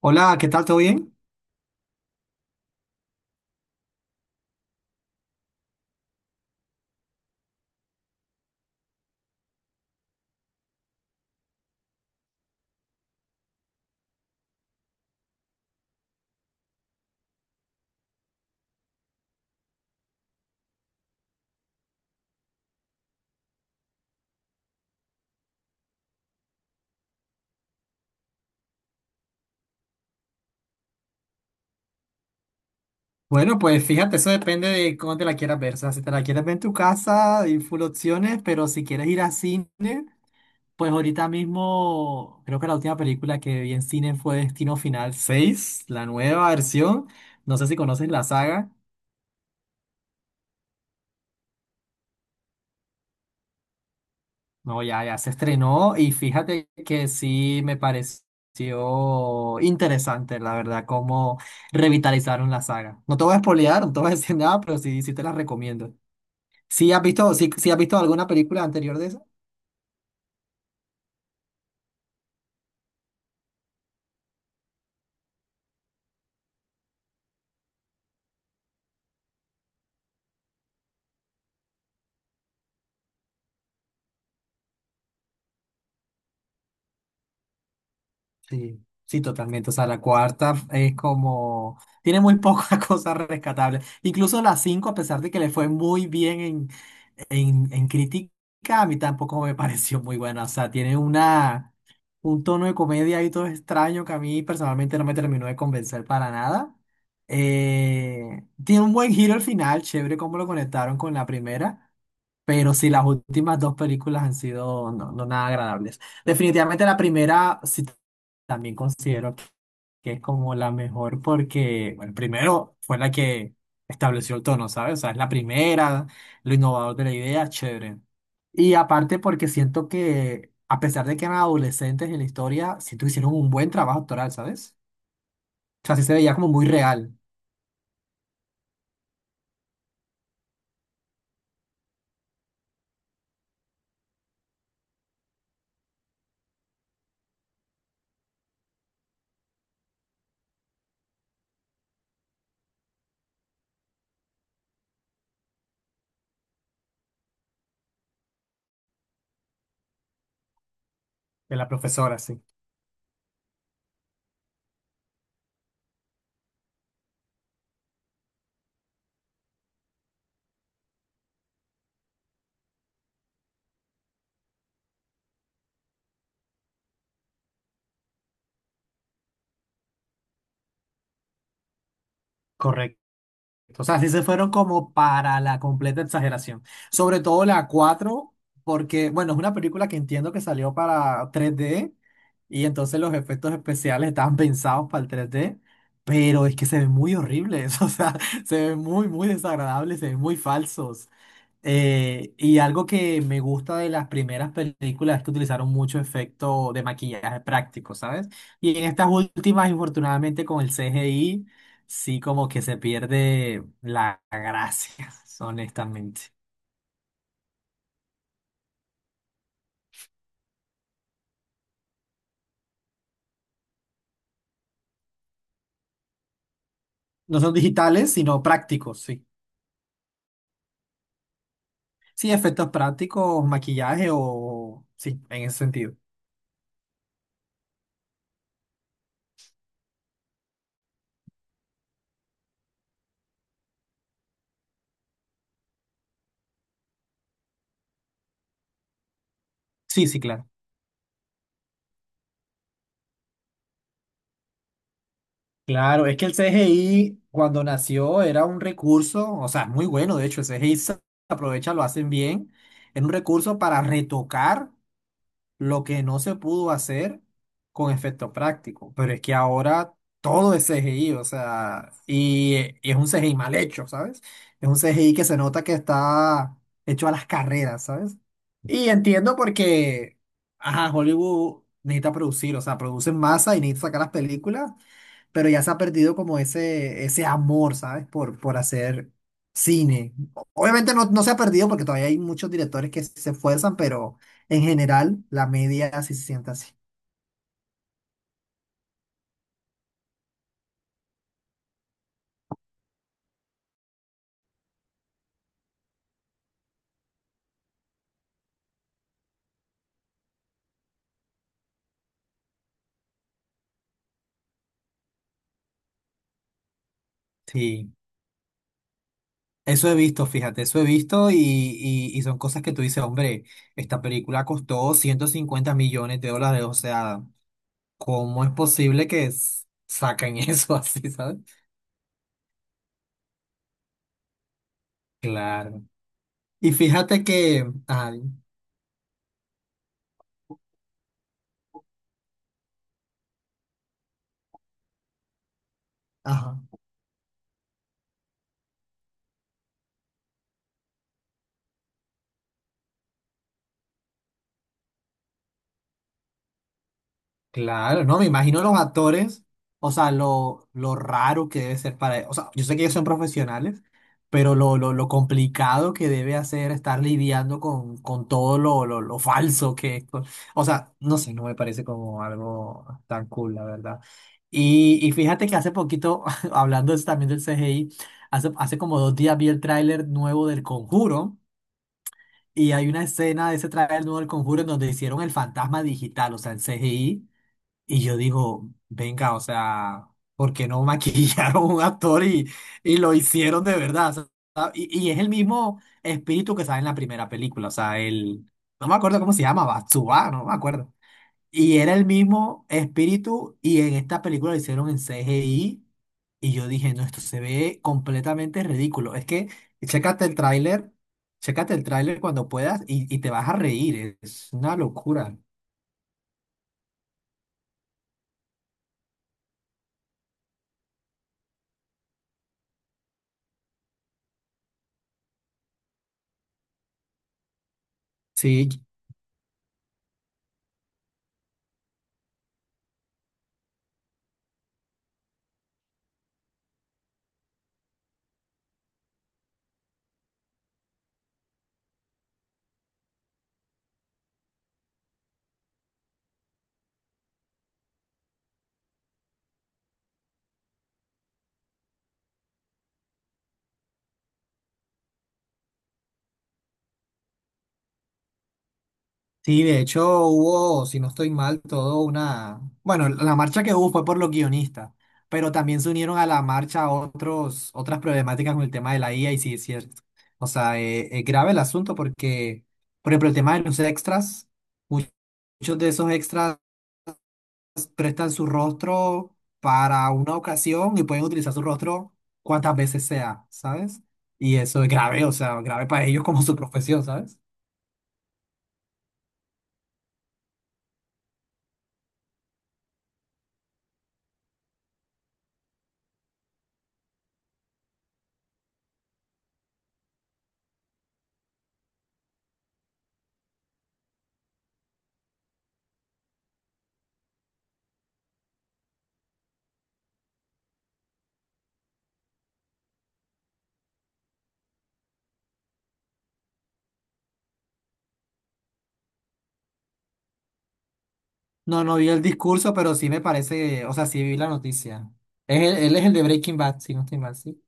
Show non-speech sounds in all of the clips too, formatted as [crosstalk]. Hola, ¿qué tal? ¿Todo bien? Bueno, pues fíjate, eso depende de cómo te la quieras ver. O sea, si te la quieres ver en tu casa, hay full opciones, pero si quieres ir a cine, pues ahorita mismo creo que la última película que vi en cine fue Destino Final seis, la nueva versión. No sé si conoces la saga. No, ya, ya se estrenó y fíjate que sí me pareció interesante, la verdad, cómo revitalizaron la saga. No te voy a spoilear, no te voy a decir nada, pero sí, sí te la recomiendo. ¿Sí has visto, sí, sí has visto alguna película anterior de esa? Sí, sí, totalmente. O sea, la cuarta es como... Tiene muy pocas [laughs] cosas rescatables. Incluso la cinco, a pesar de que le fue muy bien en, en crítica, a mí tampoco me [laughs] pareció muy buena. O sea, tiene una, un tono de comedia ahí todo extraño que a mí personalmente no me terminó de convencer para nada. Tiene un buen giro al final, chévere cómo lo conectaron con la primera. Pero sí, las últimas dos películas han sido no, no nada agradables. Definitivamente la primera sí también considero que es como la mejor porque, bueno, primero fue la que estableció el tono, ¿sabes? O sea, es la primera, lo innovador de la idea, chévere. Y aparte porque siento que, a pesar de que eran adolescentes en la historia, siento que hicieron un buen trabajo actoral, ¿sabes? O sea, sí se veía como muy real de la profesora, sí. Correcto. O sea, sí se fueron como para la completa exageración. Sobre todo la 4, porque, bueno, es una película que entiendo que salió para 3D y entonces los efectos especiales estaban pensados para el 3D pero es que se ven muy horribles, [laughs] o sea, se ven muy, muy desagradables, se ven muy falsos. Y algo que me gusta de las primeras películas es que utilizaron mucho efecto de maquillaje práctico, ¿sabes? Y en estas últimas, infortunadamente, con el CGI, sí como que se pierde la gracia, [laughs] honestamente. No son digitales, sino prácticos, sí. Sí, efectos prácticos, maquillaje o... Sí, en ese sentido. Sí, sí, claro. Claro, es que el CGI cuando nació era un recurso, o sea, muy bueno, de hecho, el CGI se aprovecha, lo hacen bien, era un recurso para retocar lo que no se pudo hacer con efecto práctico, pero es que ahora todo es CGI, o sea, y es un CGI mal hecho, ¿sabes? Es un CGI que se nota que está hecho a las carreras, ¿sabes? Y entiendo porque, ajá, Hollywood necesita producir, o sea, produce en masa y necesita sacar las películas pero ya se ha perdido como ese amor, ¿sabes? Por hacer cine. Obviamente no, no se ha perdido porque todavía hay muchos directores que se esfuerzan, pero en general la media sí se siente así. Sí, eso he visto, fíjate, eso he visto y son cosas que tú dices, hombre, esta película costó $150 millones, o sea, ¿cómo es posible que saquen [laughs] eso así, ¿sabes? Claro. Y fíjate que, ay, ajá. Claro, no, me imagino los actores, o sea, lo raro que debe ser para ellos. O sea, yo sé que ellos son profesionales, pero lo complicado que debe hacer estar lidiando con todo lo falso que es. O sea, no sé, no me parece como algo tan cool, la verdad. Y fíjate que hace poquito, [laughs] hablando es también del CGI, hace, hace como 2 días vi el tráiler nuevo del Conjuro. Y hay una escena de ese tráiler nuevo del Conjuro en donde hicieron el fantasma digital, o sea, el CGI y yo digo, venga, o sea, ¿por qué no maquillaron a un actor y lo hicieron de verdad? O sea, y es el mismo espíritu que sale en la primera película, o sea, el, no me acuerdo cómo se llama, Batsuba, no me acuerdo. Y era el mismo espíritu y en esta película lo hicieron en CGI y yo dije, no, esto se ve completamente ridículo. Es que, chécate el tráiler, chécate el tráiler cuando puedas y te vas a reír, es una locura. Sí, sí, de hecho hubo, si no estoy mal, todo una... Bueno, la marcha que hubo fue por los guionistas, pero también se unieron a la marcha otros, otras problemáticas con el tema de la IA y sí, es cierto. O sea, es grave el asunto porque, por ejemplo, el tema de los extras, mu- muchos de esos extras prestan su rostro para una ocasión y pueden utilizar su rostro cuantas veces sea, ¿sabes? Y eso es grave, o sea, grave para ellos como su profesión, ¿sabes? No, no vi el discurso, pero sí me parece, o sea, sí vi la noticia. Es él es el de Breaking Bad, si no estoy mal, sí.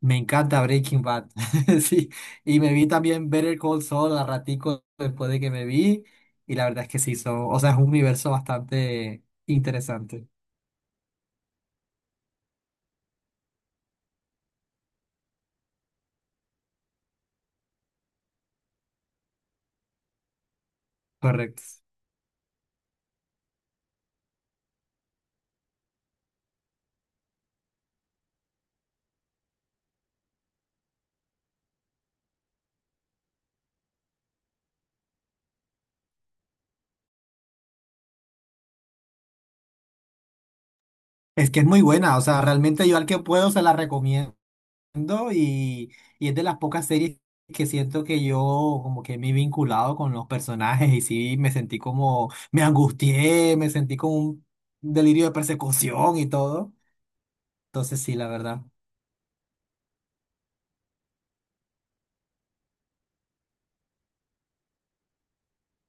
Me encanta Breaking Bad, [laughs] sí. Y me vi también Better Call Saul a ratico después de que me vi. Y la verdad es que sí, son, o sea, es un universo bastante interesante. Correcto. Es que es muy buena, o sea, realmente yo al que puedo se la recomiendo. Viendo y es de las pocas series que siento que yo como que me he vinculado con los personajes y sí me sentí como, me angustié, me sentí como un delirio de persecución y todo. Entonces sí, la verdad,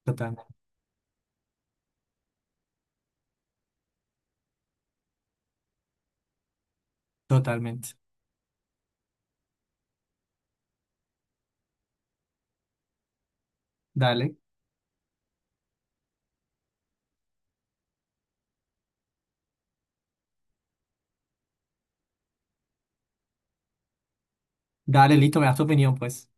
totalmente, totalmente. Dale, dale, listo, me das tu opinión, pues.